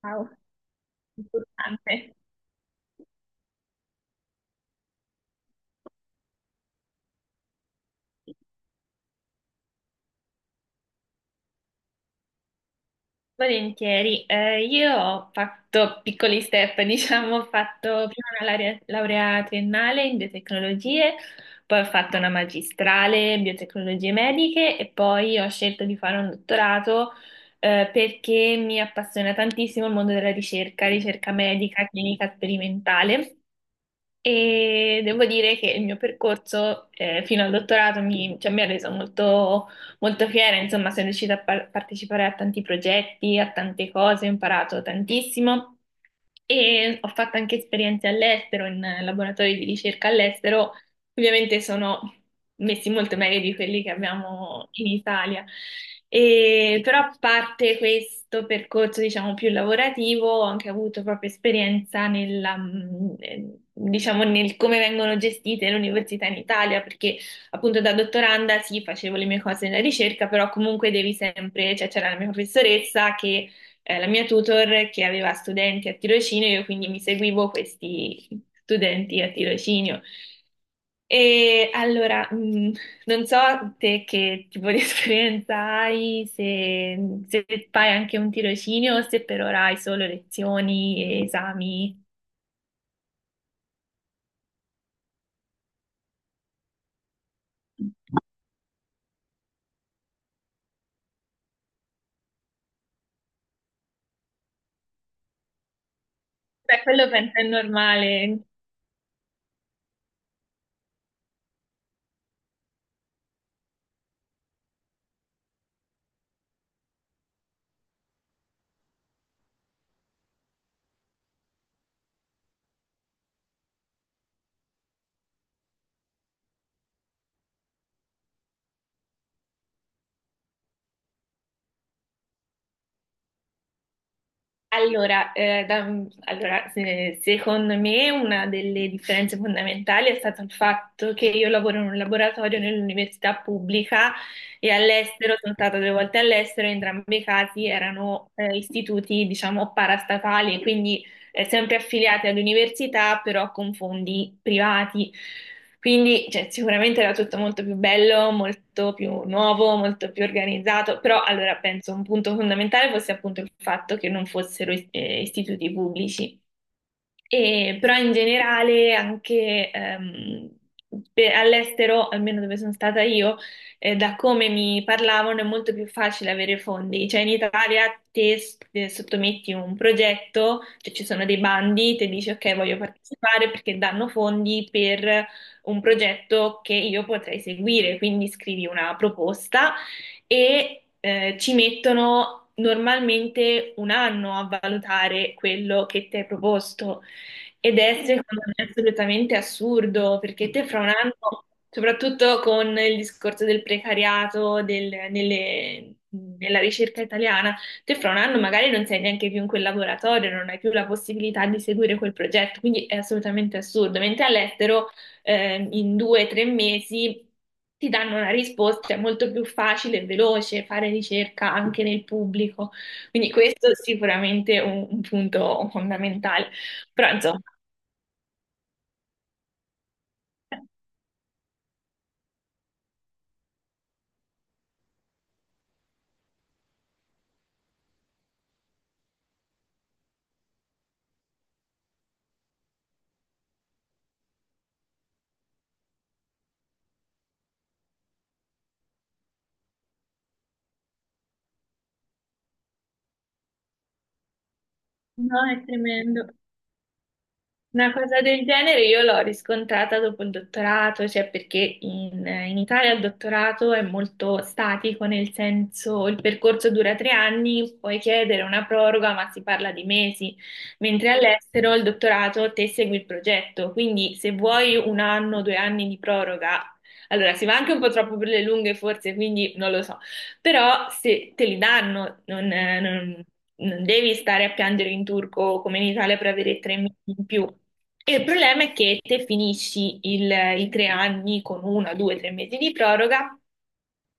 Ciao. Ante. Volentieri. Io ho fatto piccoli step, diciamo, ho fatto prima una laurea, laurea triennale in biotecnologie. Poi ho fatto una magistrale in biotecnologie mediche e poi ho scelto di fare un dottorato, perché mi appassiona tantissimo il mondo della ricerca, ricerca medica, clinica sperimentale. E devo dire che il mio percorso, fino al dottorato cioè, mi ha reso molto, molto fiera, insomma. Sono riuscita a partecipare a tanti progetti, a tante cose, ho imparato tantissimo e ho fatto anche esperienze all'estero, in laboratori di ricerca all'estero. Ovviamente sono messi molto meglio di quelli che abbiamo in Italia. Però a parte questo percorso, diciamo, più lavorativo, ho anche avuto proprio esperienza nella, diciamo, nel come vengono gestite le università in Italia, perché appunto da dottoranda sì, facevo le mie cose nella ricerca, però comunque devi sempre, cioè c'era la mia professoressa che la mia tutor che aveva studenti a tirocinio, io quindi mi seguivo questi studenti a tirocinio. E allora, non so te che tipo di esperienza hai, se fai anche un tirocinio o se per ora hai solo lezioni e esami. Beh, quello penso è normale. Allora, allora, secondo me una delle differenze fondamentali è stato il fatto che io lavoro in un laboratorio nell'università pubblica e all'estero. Sono stata due volte all'estero, in entrambi i casi erano, istituti, diciamo, parastatali, quindi sempre affiliati all'università, però con fondi privati. Quindi, cioè, sicuramente era tutto molto più bello, molto più nuovo, molto più organizzato, però allora penso un punto fondamentale fosse appunto il fatto che non fossero istituti pubblici. Però in generale anche all'estero, almeno dove sono stata io, da come mi parlavano è molto più facile avere fondi. Cioè in Italia te sottometti un progetto, cioè ci sono dei bandi, te dici ok, voglio partecipare perché danno fondi per un progetto che io potrei seguire, quindi scrivi una proposta e ci mettono normalmente un anno a valutare quello che ti hai proposto. Ed è secondo me assolutamente assurdo, perché te fra un anno, soprattutto con il discorso del precariato, nella ricerca italiana, te fra un anno magari non sei neanche più in quel laboratorio, non hai più la possibilità di seguire quel progetto, quindi è assolutamente assurdo. Mentre all'estero, in 2 o 3 mesi ti danno una risposta, è molto più facile e veloce fare ricerca anche nel pubblico. Quindi questo è sicuramente un punto fondamentale. Pronto? No, è tremendo. Una cosa del genere io l'ho riscontrata dopo il dottorato, cioè perché in Italia il dottorato è molto statico, nel senso il percorso dura 3 anni, puoi chiedere una proroga, ma si parla di mesi, mentre all'estero il dottorato te segui il progetto, quindi se vuoi un anno, 2 anni di proroga, allora si va anche un po' troppo per le lunghe forse, quindi non lo so. Però se te li danno, non devi stare a piangere in turco come in Italia per avere 3 mesi in più. E il problema è che te finisci i 3 anni con una, due, tre mesi di proroga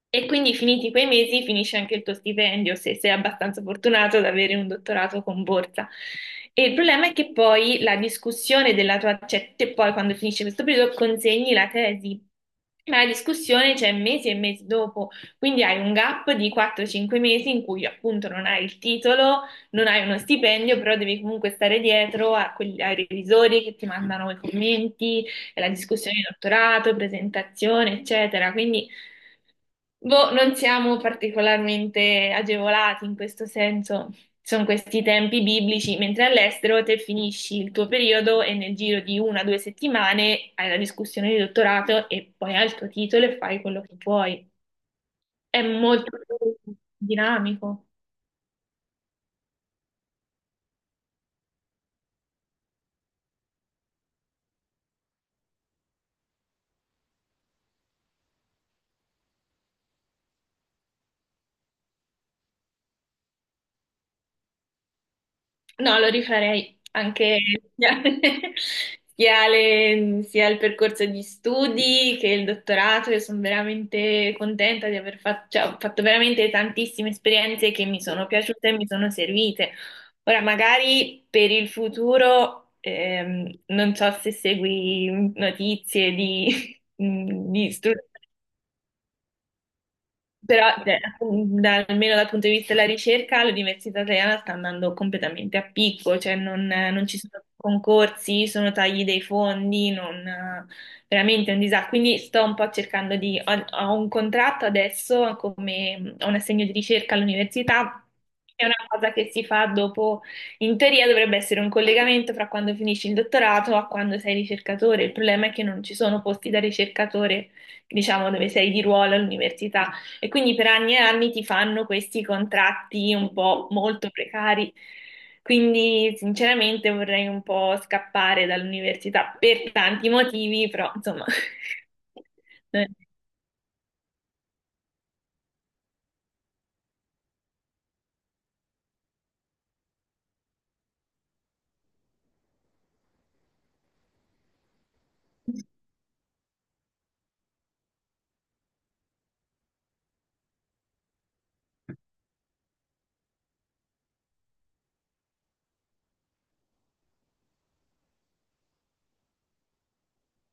e quindi finiti quei mesi finisce anche il tuo stipendio se sei abbastanza fortunato ad avere un dottorato con borsa. E il problema è che poi la discussione della tua, cioè te poi quando finisce questo periodo consegni la tesi, ma la discussione c'è mesi e mesi dopo. Quindi hai un gap di 4-5 mesi in cui appunto non hai il titolo, non hai uno stipendio, però devi comunque stare dietro a ai revisori che ti mandano i commenti, la discussione di dottorato, presentazione, eccetera. Quindi boh, non siamo particolarmente agevolati in questo senso. Sono questi tempi biblici, mentre all'estero te finisci il tuo periodo e nel giro di una o due settimane hai la discussione di dottorato e poi hai il tuo titolo e fai quello che vuoi. È molto più dinamico. No, lo rifarei anche, sia, sia il percorso di studi che il dottorato. Io sono veramente contenta di aver fatto, cioè, ho fatto veramente tantissime esperienze che mi sono piaciute e mi sono servite. Ora, magari per il futuro, non so se segui notizie di, di studi. Però, almeno dal punto di vista della ricerca, l'università italiana sta andando completamente a picco, cioè non, non ci sono concorsi, sono tagli dei fondi, veramente è un disastro. Quindi sto un po' cercando di... Ho un contratto adesso, come, ho un assegno di ricerca all'università, è una cosa che si fa dopo, in teoria dovrebbe essere un collegamento fra quando finisci il dottorato a quando sei ricercatore. Il problema è che non ci sono posti da ricercatore, diciamo, dove sei di ruolo all'università. E quindi per anni e anni ti fanno questi contratti un po' molto precari. Quindi sinceramente vorrei un po' scappare dall'università per tanti motivi, però insomma...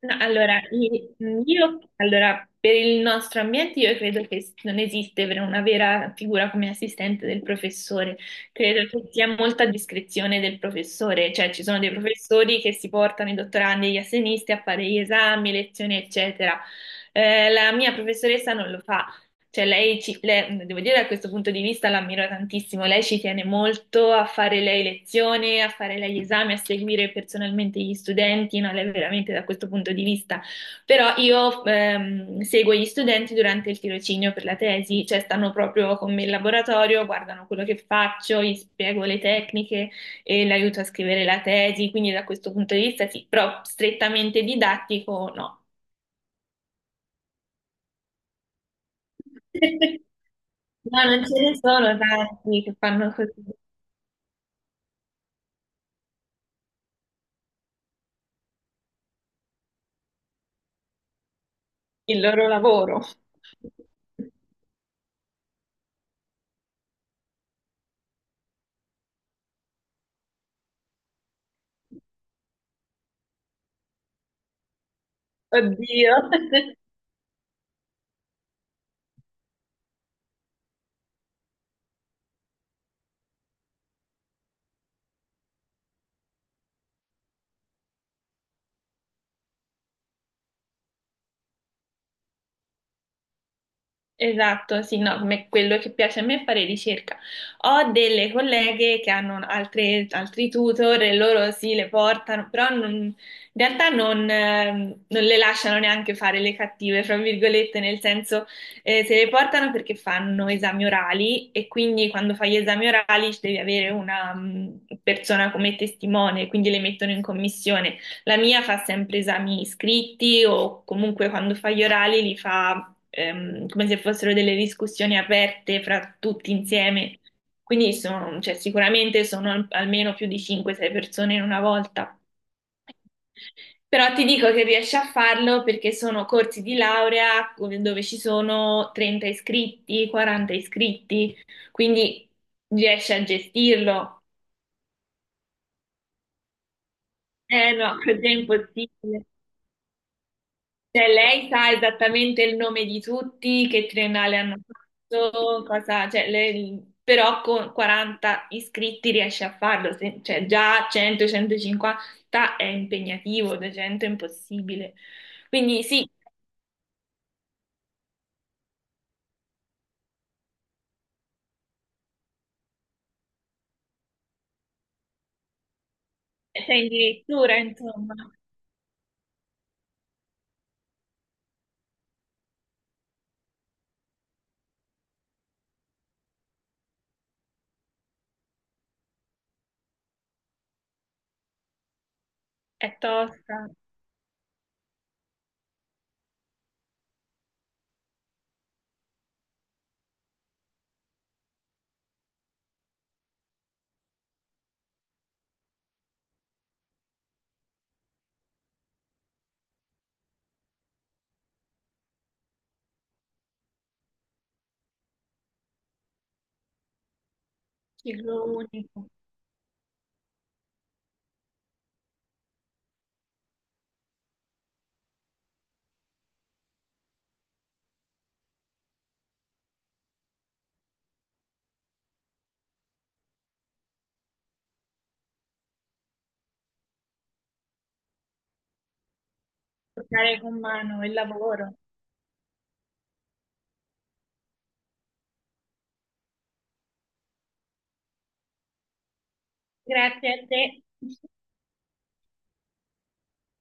No, allora, io, allora, per il nostro ambiente io credo che non esiste per una vera figura come assistente del professore, credo che sia molta discrezione del professore, cioè ci sono dei professori che si portano i dottorandi e gli assegnisti a fare gli esami, lezioni, eccetera. La mia professoressa non lo fa, cioè, lei ci, devo dire, da questo punto di vista l'ammiro tantissimo. Lei ci tiene molto a fare lei lezione, a fare lei esami, a seguire personalmente gli studenti, no? Lei veramente da questo punto di vista. Però io seguo gli studenti durante il tirocinio per la tesi, cioè stanno proprio con me in laboratorio, guardano quello che faccio, gli spiego le tecniche e l'aiuto a scrivere la tesi. Quindi da questo punto di vista sì, però strettamente didattico no. No, non ce ne sono tanti che fanno così il loro lavoro. Oddio. Esatto, sì, no, quello che piace a me è fare ricerca. Ho delle colleghe che hanno altri tutor e loro sì, le portano, però in realtà non le lasciano neanche fare le cattive, fra virgolette, nel senso se le portano perché fanno esami orali e quindi quando fai gli esami orali ci devi avere una persona come testimone, quindi le mettono in commissione. La mia fa sempre esami iscritti o comunque quando fa gli orali li fa come se fossero delle discussioni aperte fra tutti insieme. Quindi sono, cioè, sicuramente sono almeno più di 5-6 persone in una volta. Però ti dico che riesci a farlo perché sono corsi di laurea dove ci sono 30 iscritti, 40 iscritti, quindi riesci a gestirlo. Eh no, così è impossibile. Cioè, lei sa esattamente il nome di tutti, che triennale hanno fatto, cosa, cioè, però con 40 iscritti riesce a farlo, cioè già 100-150 è impegnativo, 200 è impossibile. Quindi sì, sei in dirittura, insomma, è tosta, ciclo unico, toccare con mano il lavoro. Grazie a te.